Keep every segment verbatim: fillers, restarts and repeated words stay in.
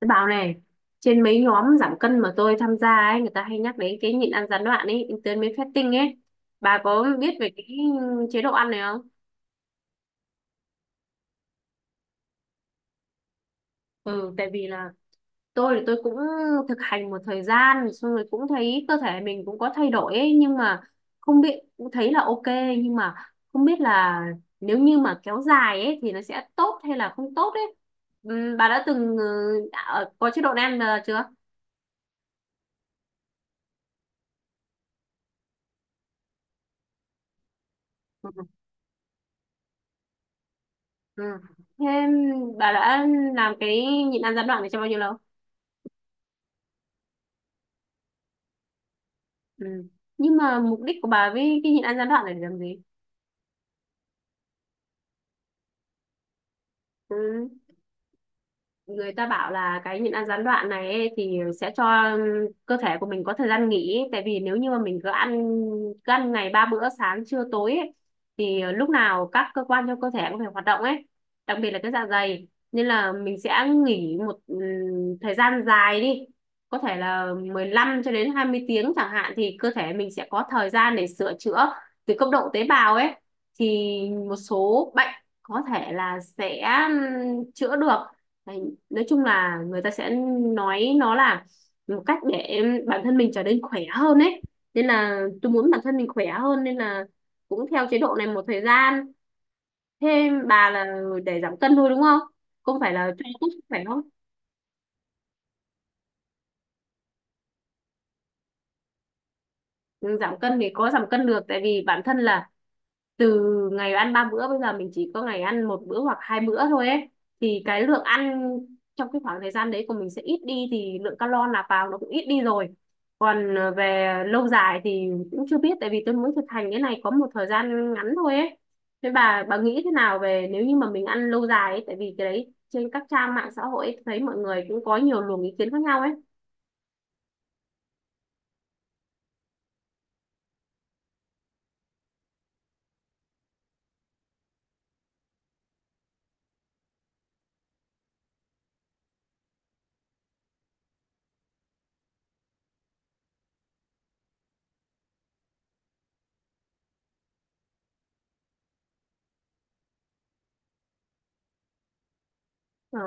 Tôi bảo này, trên mấy nhóm giảm cân mà tôi tham gia ấy, người ta hay nhắc đến cái nhịn ăn gián đoạn ấy, intermittent fasting ấy. Bà có biết về cái chế độ ăn này không? Ừ, tại vì là tôi thì tôi cũng thực hành một thời gian, xong rồi cũng thấy cơ thể mình cũng có thay đổi ấy, nhưng mà không biết, cũng thấy là ok, nhưng mà không biết là nếu như mà kéo dài ấy thì nó sẽ tốt hay là không tốt ấy. Ừ, Bà đã từng ừ, đã- có chế độ này ăn ờ, chưa? Ừ. Ừ. Thế bà đã làm cái nhịn ăn gián đoạn này trong bao nhiêu lâu? Ừ. Nhưng mà mục đích của bà với cái nhịn ăn gián đoạn này để làm gì? Ừ. Người ta bảo là cái nhịn ăn gián đoạn này ấy, thì sẽ cho cơ thể của mình có thời gian nghỉ, tại vì nếu như mà mình cứ ăn cứ ăn ngày ba bữa sáng trưa tối ấy, thì lúc nào các cơ quan trong cơ thể cũng phải hoạt động ấy, đặc biệt là cái dạ dày, nên là mình sẽ nghỉ một ừm, thời gian dài đi, có thể là mười lăm cho đến hai mươi tiếng chẳng hạn, thì cơ thể mình sẽ có thời gian để sửa chữa từ cấp độ tế bào ấy, thì một số bệnh có thể là sẽ ừm, chữa được. Đấy, nói chung là người ta sẽ nói nó là một cách để bản thân mình trở nên khỏe hơn ấy, nên là tôi muốn bản thân mình khỏe hơn nên là cũng theo chế độ này một thời gian. Thêm bà là để giảm cân thôi đúng không, không phải là cho tốt khỏe không? Ừ, giảm cân thì có giảm cân được tại vì bản thân là từ ngày ăn ba bữa bây giờ mình chỉ có ngày ăn một bữa hoặc hai bữa thôi ấy, thì cái lượng ăn trong cái khoảng thời gian đấy của mình sẽ ít đi thì lượng calo nạp vào nó cũng ít đi rồi. Còn ờ, về lâu dài thì cũng chưa biết tại vì tôi mới thực hành cái này có một thời gian ngắn thôi ấy. Thế bà bà nghĩ thế nào về nếu như mà mình ăn lâu dài ấy, tại vì cái đấy trên các trang mạng xã hội ấy, thấy mọi người cũng có nhiều luồng ý kiến khác nhau ấy. Ờ,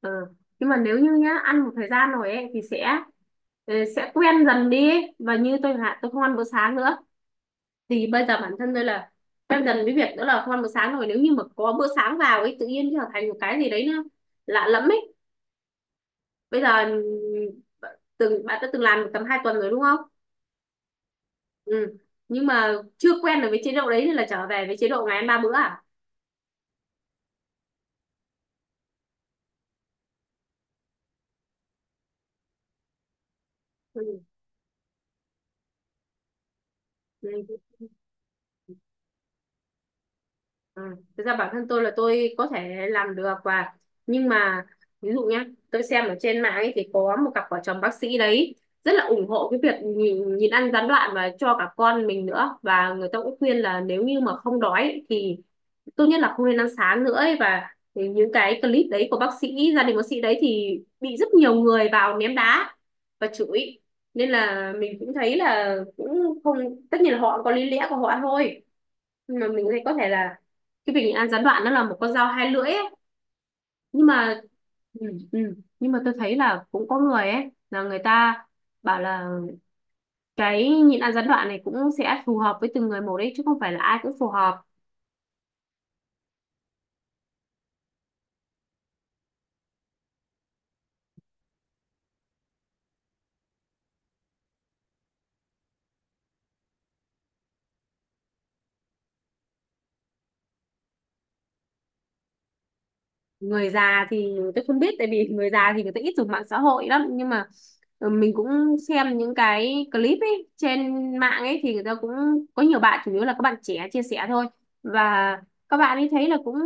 ừ. Nhưng mà nếu như nhá ăn một thời gian rồi ấy thì sẽ ờ, sẽ quen dần đi ấy. Và như tôi chẳng hạn tôi không ăn bữa sáng nữa, thì bây giờ bản thân tôi là quen dần với việc đó là không ăn bữa sáng rồi, nếu như mà có bữa sáng vào ấy tự nhiên trở thành một cái gì đấy nó lạ lẫm ấy. Bây giờ ừm, từng bạn đã từng làm được tầm hai tuần rồi đúng không? Ừ. Nhưng mà chưa quen được với chế độ đấy thì là trở về với chế độ ngày ăn ba bữa à? Ừ. Ừ. Ừ. Thực ra bản thân tôi là tôi có thể làm được, và nhưng mà ví dụ nhá, tôi xem ở trên mạng ấy thì có một cặp vợ chồng bác sĩ đấy rất là ủng hộ cái việc nhìn, nhìn ăn gián đoạn và cho cả con mình nữa, và người ta cũng khuyên là nếu như mà không đói thì tốt nhất là không nên ăn sáng nữa ấy. Và thì những cái clip đấy của bác sĩ gia đình, bác sĩ đấy thì bị rất nhiều người vào ném đá và chửi, nên là mình cũng thấy là cũng không. Tất nhiên là họ có lý lẽ của họ thôi, nhưng mà mình thấy có thể là cái việc nhịn ăn gián đoạn nó là một con dao hai lưỡi ấy. Nhưng mà ừ, ừ. Nhưng mà tôi thấy là cũng có người ấy là người ta bảo là cái nhịn ăn gián đoạn này cũng sẽ phù hợp với từng người một đấy, chứ không phải là ai cũng phù hợp. Người già thì tôi không biết tại vì người già thì người ta ít dùng mạng xã hội lắm, nhưng mà ừ, mình cũng xem những cái clip ấy trên mạng ấy thì người ta cũng có nhiều bạn, chủ yếu là các bạn trẻ chia sẻ thôi, và các bạn ấy thấy là cũng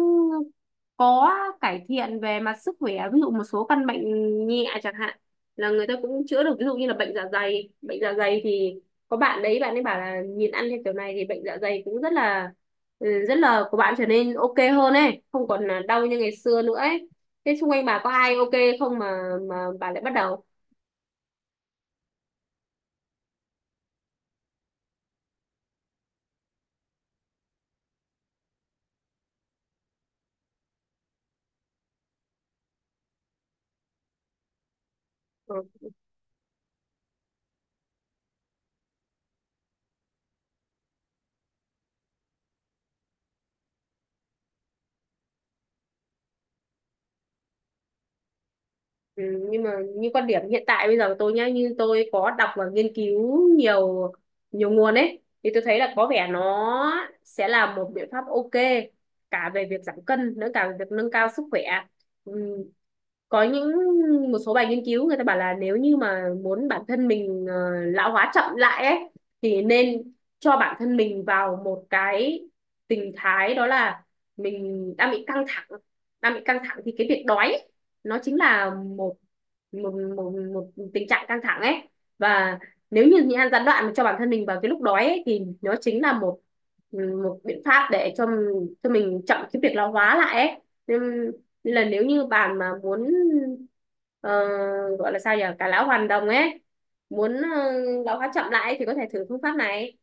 có cải thiện về mặt sức khỏe, ví dụ một số căn bệnh nhẹ chẳng hạn là người ta cũng chữa được, ví dụ như là bệnh dạ dày. Bệnh dạ dày thì có bạn đấy bạn ấy bảo là nhìn ăn theo kiểu này thì bệnh dạ dày cũng rất là ừ, rất là của bạn trở nên ok hơn ấy, không còn là đau như ngày xưa nữa ấy. Thế xung quanh bà có ai ok không mà mà bà lại bắt đầu? Ờ. Ừ, nhưng mà như quan điểm hiện tại bây giờ của tôi nhá, như tôi có đọc và nghiên cứu nhiều nhiều nguồn ấy, thì tôi thấy là có vẻ nó sẽ là một biện pháp ok cả về việc giảm cân nữa, cả về việc nâng cao sức khỏe. Ừ. Có những một số bài nghiên cứu người ta bảo là nếu như mà muốn bản thân mình ờ, lão hóa chậm lại ấy, thì nên cho bản thân mình vào một cái tình thái, đó là mình đang bị căng thẳng. Đang bị căng thẳng thì cái việc đói nó chính là một một một, một tình trạng căng thẳng ấy. Và nếu như nhịn ăn gián đoạn cho bản thân mình vào cái lúc đói ấy, thì nó chính là một một biện pháp để cho cho mình chậm cái việc lão hóa lại ấy, nên, nên là nếu như bạn mà muốn ờ, gọi là sao nhỉ cả lão hoàn đồng ấy, muốn ờ, lão hóa chậm lại thì có thể thử phương pháp này.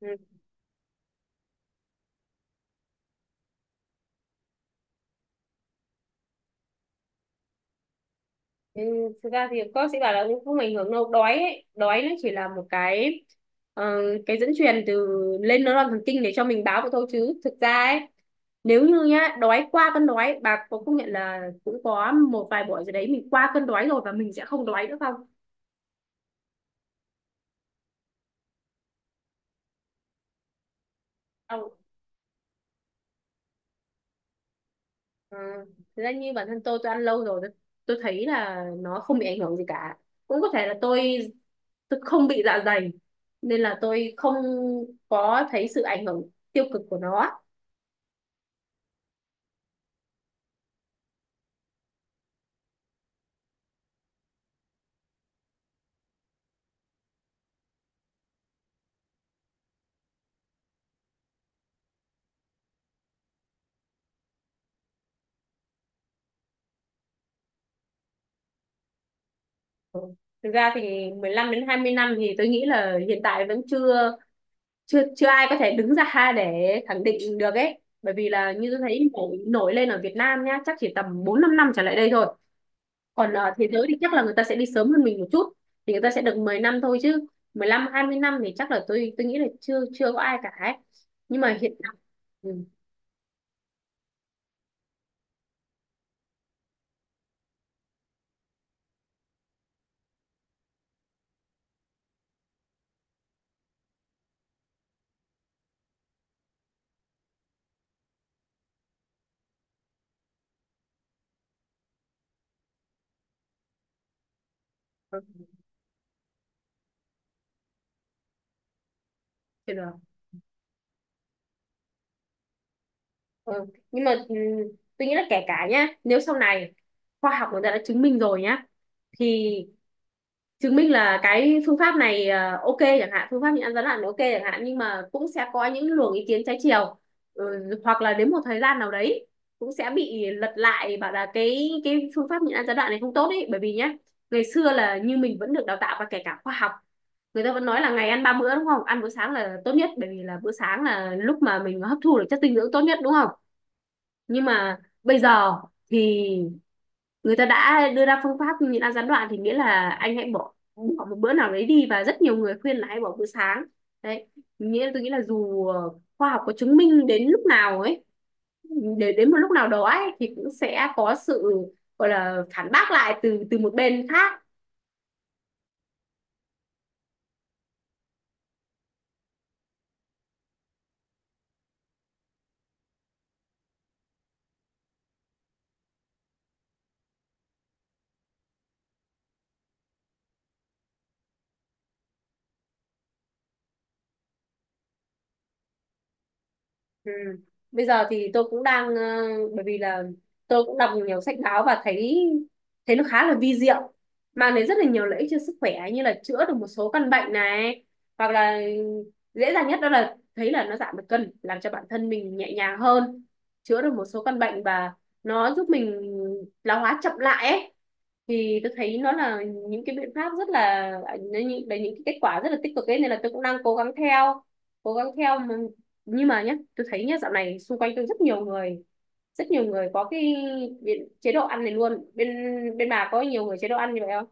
Ừ. Ừ, thực ra thì cô sẽ bảo là cũng không ảnh hưởng đâu đói ấy. Đói nó chỉ là một cái ờ, cái dẫn truyền từ lên neuron thần kinh để cho mình báo vậy thôi, chứ thực ra ấy nếu như nhá đói qua cơn đói, bà có công nhận là cũng có một vài buổi rồi đấy mình qua cơn đói rồi và mình sẽ không đói nữa không? Không. Ờ, thực ra như bản thân tôi tôi ăn lâu rồi, tôi, tôi thấy là nó không bị ảnh hưởng gì cả. Cũng có thể là tôi tôi không bị dạ dày nên là tôi không có thấy sự ảnh hưởng tiêu cực của nó. Ừ. Thực ra thì mười lăm đến hai mươi năm thì tôi nghĩ là hiện tại vẫn chưa chưa chưa ai có thể đứng ra để khẳng định được ấy. Bởi vì là như tôi thấy nổi, nổi lên ở Việt Nam nhá, chắc chỉ tầm bốn năm năm trở lại đây thôi. Còn ở thế giới thì chắc là người ta sẽ đi sớm hơn mình một chút thì người ta sẽ được mười năm thôi, chứ mười lăm hai mươi năm thì chắc là tôi tôi nghĩ là chưa chưa có ai cả ấy. Nhưng mà hiện tại ừ, ừ, chưa được. Ừ. Nhưng mà ừ, tôi nghĩ là kể cả nhá, nếu sau này khoa học người ta đã chứng minh rồi nhá, thì chứng minh là cái phương pháp này ờ, ok chẳng hạn, phương pháp nhịn ăn rắn lặn ok chẳng hạn, nhưng mà cũng sẽ có những luồng ý kiến trái chiều. Ừ, hoặc là đến một thời gian nào đấy cũng sẽ bị lật lại bảo là cái cái phương pháp nhịn ăn gián đoạn này không tốt ấy. Bởi vì nhá ngày xưa là như mình vẫn được đào tạo và kể cả khoa học người ta vẫn nói là ngày ăn ba bữa đúng không, ăn bữa sáng là tốt nhất bởi vì là bữa sáng là lúc mà mình hấp thu được chất dinh dưỡng tốt nhất đúng không. Nhưng mà bây giờ thì người ta đã đưa ra phương pháp nhịn ăn gián đoạn thì nghĩa là anh hãy bỏ bỏ một bữa nào đấy đi và rất nhiều người khuyên là hãy bỏ bữa sáng. Đấy, nghĩa là tôi nghĩ là dù ờ, khoa học có chứng minh đến lúc nào ấy, để đến một lúc nào đó ấy thì cũng sẽ có sự gọi là phản bác lại từ từ một bên khác. Ừ. Bây giờ thì tôi cũng đang ờ, bởi vì là tôi cũng đọc nhiều sách báo và thấy thấy nó khá là vi diệu, mang đến rất là nhiều lợi ích cho sức khỏe, như là chữa được một số căn bệnh này, hoặc là dễ dàng nhất đó là thấy là nó giảm được cân làm cho bản thân mình nhẹ nhàng hơn, chữa được một số căn bệnh và nó giúp mình lão hóa chậm lại ấy, thì tôi thấy nó là những cái biện pháp rất là, là những là những cái kết quả rất là tích cực ấy, nên là tôi cũng đang cố gắng theo cố gắng theo. Nhưng mà nhé tôi thấy nhé dạo này xung quanh tôi rất nhiều người, rất nhiều người có cái biện- chế độ ăn này luôn. Bên bên bà có nhiều người chế độ ăn như vậy không?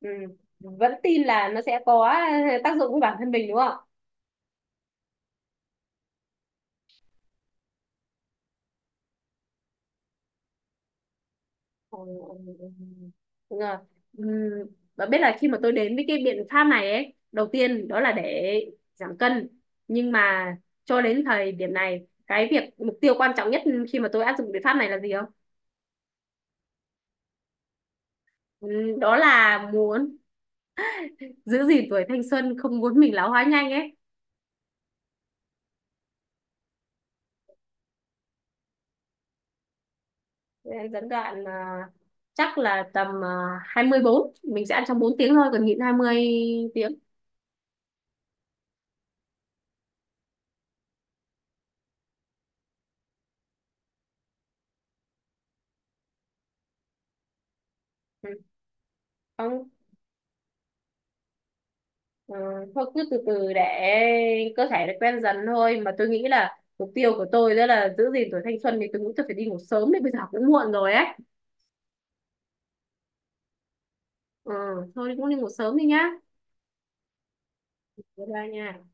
Ừ. Vẫn tin là nó sẽ có tác dụng với bản thân mình đúng không? Ừ, ừ, ừ. Đúng rồi. Ừm, Và biết là khi mà tôi đến với cái biện pháp này ấy, đầu tiên đó là để giảm cân. Nhưng mà cho đến thời điểm này, cái việc mục tiêu quan trọng nhất khi mà tôi áp dụng biện pháp này là gì không? Ừm, Đó là muốn giữ gìn tuổi thanh xuân, không muốn mình lão hóa nhanh ấy. Nên dẫn đoạn à, chắc là tầm à, hai mươi bốn mình sẽ ăn trong bốn tiếng thôi còn nhịn hai mươi tiếng. Ừ. Không. Ừ. Thôi cứ từ từ để cơ thể nó quen dần thôi, mà tôi nghĩ là mục tiêu của tôi đó là giữ gìn tuổi thanh xuân thì tôi nghĩ tôi phải đi ngủ sớm đấy, bây giờ cũng muộn rồi ấy. Ừ. Thôi cũng đi ngủ sớm đi nhá. Bye bye nha.